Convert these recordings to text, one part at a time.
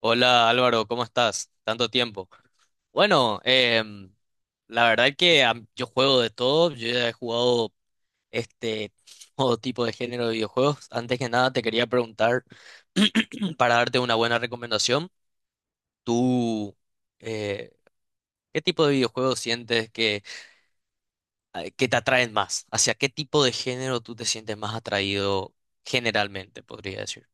Hola Álvaro, ¿cómo estás? Tanto tiempo. Bueno, la verdad que yo juego de todo, yo ya he jugado este todo tipo de género de videojuegos. Antes que nada te quería preguntar para darte una buena recomendación. ¿Tú eh, qué tipo de videojuegos sientes que, que te atraen más? ¿Hacia qué tipo de género tú te sientes más atraído generalmente, podría decir?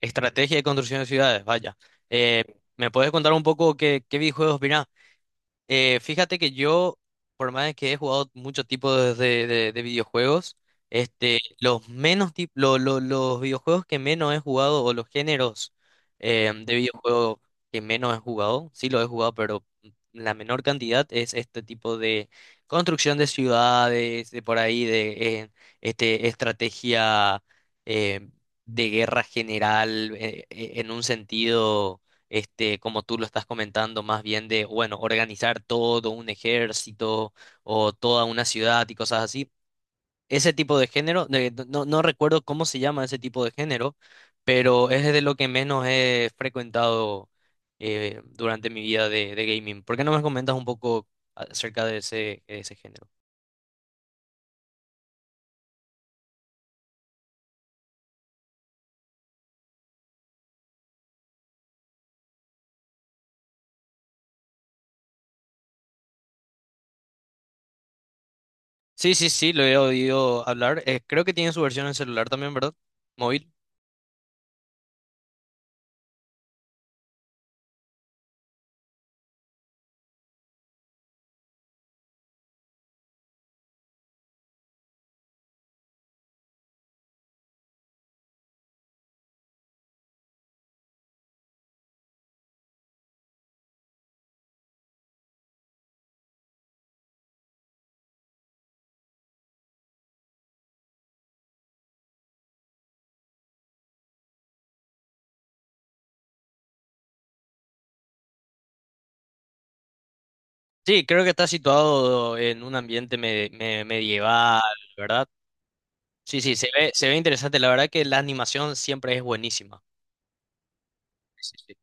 Estrategia de construcción de ciudades, vaya. Eh, ¿me puedes contar un poco qué videojuegos mirás? Fíjate que yo, por más de que he jugado muchos tipos de videojuegos, los menos los videojuegos que menos he jugado o los géneros de videojuegos que menos he jugado, sí los he jugado, pero la menor cantidad es este tipo de construcción de ciudades, de por ahí, de estrategia eh, de guerra general en un sentido como tú lo estás comentando, más bien de, bueno, organizar todo un ejército o toda una ciudad y cosas así. Ese tipo de género, no recuerdo cómo se llama ese tipo de género, pero es de lo que menos he frecuentado durante mi vida de gaming. ¿Por qué no me comentas un poco acerca de ese género? Sí, sí, sí, lo he oído hablar. Creo que tiene su versión en celular también, ¿verdad? Móvil. Sí, creo que está situado en un ambiente medieval, ¿verdad? Sí, sí, se ve interesante. La verdad que la animación siempre es buenísima. Sí, sí.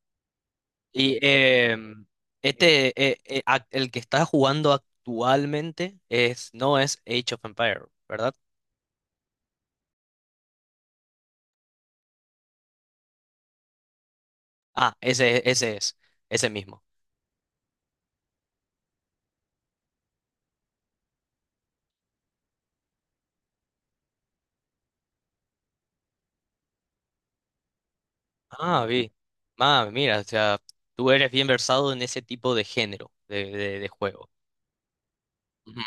Y el que está jugando actualmente es, no es Age of Empire, ¿verdad? Ah, ese mismo. Ah, vi. Ah, mira, o sea, tú eres bien versado en ese tipo de género de juego. Ujú.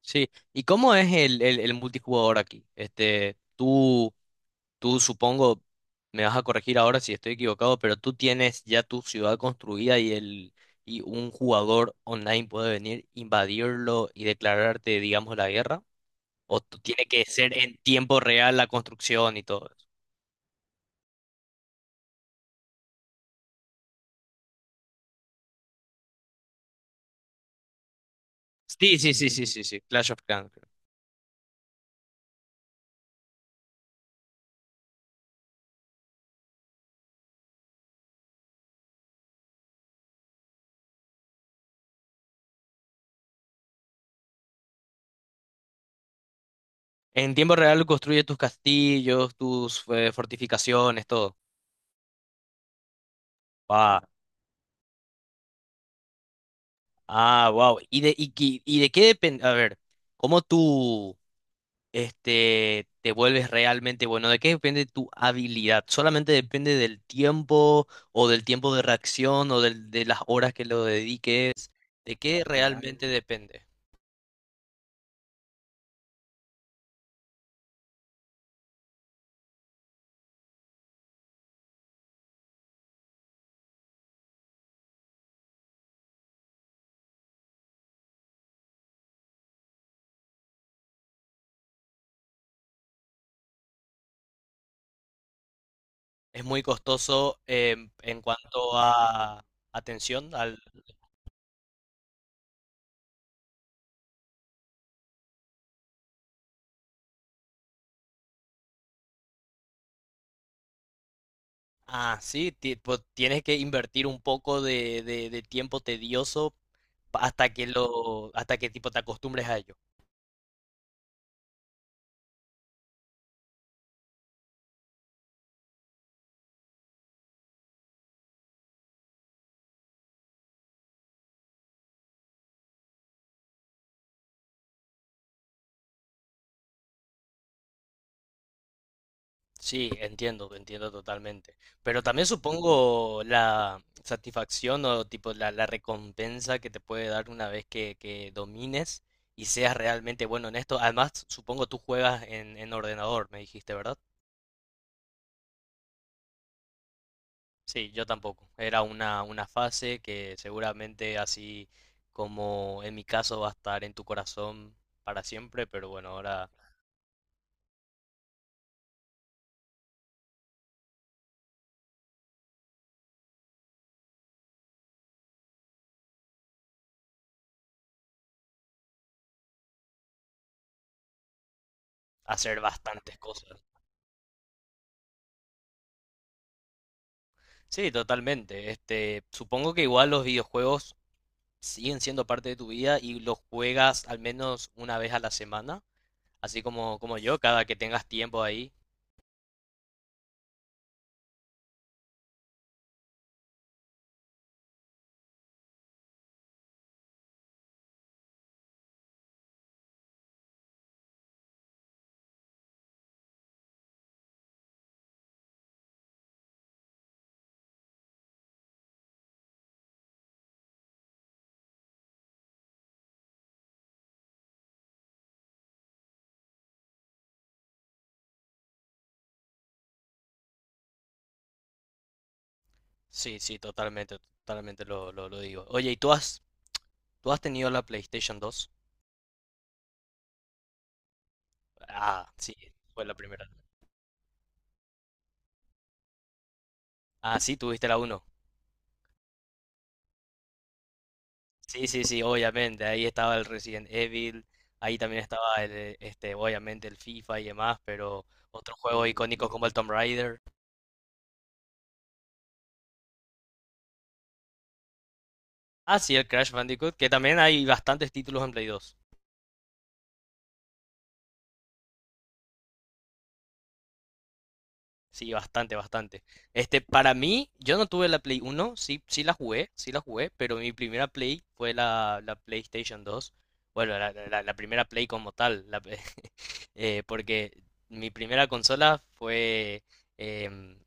Sí. ¿Y cómo es el multijugador aquí? Tú supongo, me vas a corregir ahora si estoy equivocado, pero tú tienes ya tu ciudad construida y un jugador online puede venir, invadirlo y declararte, digamos, la guerra. O tiene que ser en tiempo real la construcción y todo eso. Sí, sí, sí, sí, sí, sí. Clash of Clans, creo. En tiempo real construye tus castillos, tus fortificaciones, todo. Ah, ah, wow. ¿Y de qué depende? A ver, ¿cómo tú? Te vuelves realmente bueno. ¿De qué depende tu habilidad? Solamente depende del tiempo o del tiempo de reacción o de las horas que lo dediques. ¿De qué, claro, realmente depende? Es muy costoso en cuanto a atención al. Ah, sí, pues, tienes que invertir un poco de tiempo tedioso hasta que tipo te acostumbres a ello. Sí, entiendo, entiendo totalmente. Pero también supongo la satisfacción o tipo la recompensa que te puede dar una vez que domines y seas realmente bueno en esto. Además, supongo tú juegas en ordenador, me dijiste, ¿verdad? Sí, yo tampoco. Era una fase que seguramente así como en mi caso va a estar en tu corazón para siempre, pero bueno, ahora hacer bastantes cosas. Sí, totalmente. Supongo que igual los videojuegos siguen siendo parte de tu vida y los juegas al menos una vez a la semana, así como, como yo, cada que tengas tiempo ahí. Sí, sí, totalmente, totalmente lo digo. Oye, ¿y tú has tenido la PlayStation dos? Ah, sí, fue la primera. Ah, sí, tuviste la uno. Sí, sí, sí, obviamente, ahí estaba el Resident Evil, ahí también estaba obviamente el FIFA y demás, pero otros juegos icónicos como el Tomb Raider. Ah, sí, el Crash Bandicoot, que también hay bastantes títulos en Play dos. Sí, bastante, bastante. Para mí, yo no tuve la Play uno. Sí, sí la jugué, pero mi primera Play fue la PlayStation dos. Bueno, la primera Play como tal, porque mi primera consola fue, em,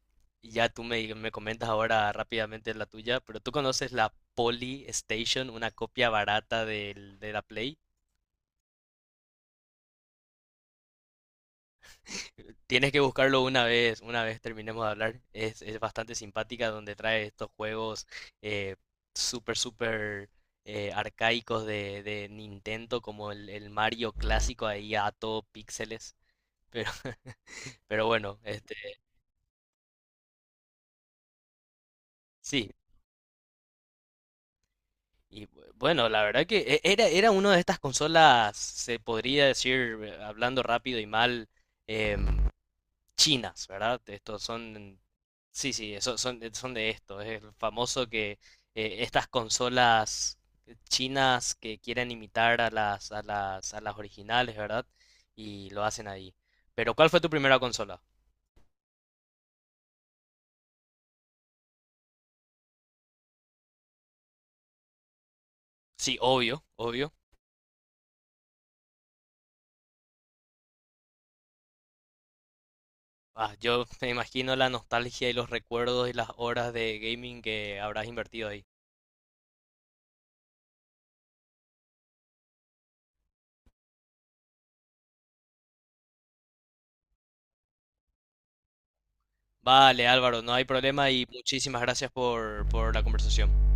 ya tú me comentas ahora rápidamente la tuya, pero tú conoces la Poly Station, una copia barata de la Play. Tienes que buscarlo una vez terminemos de hablar. Es bastante simpática donde trae estos juegos eh, súper, súper arcaicos de Nintendo, como el Mario clásico ahí a todo píxeles. Pero, pero bueno, sí. Y bueno, la verdad que era una de estas consolas, se podría decir, hablando rápido y mal, em, chinas, ¿verdad? Estos son, sí, sí, eso, son de esto. Es el famoso que estas consolas chinas que quieren imitar a las originales, ¿verdad? Y lo hacen ahí. Pero ¿cuál fue tu primera consola? Sí, obvio, obvio. Ah, yo me imagino la nostalgia y los recuerdos y las horas de gaming que habrás invertido ahí. Vale, Álvaro, no hay problema y muchísimas gracias por la conversación.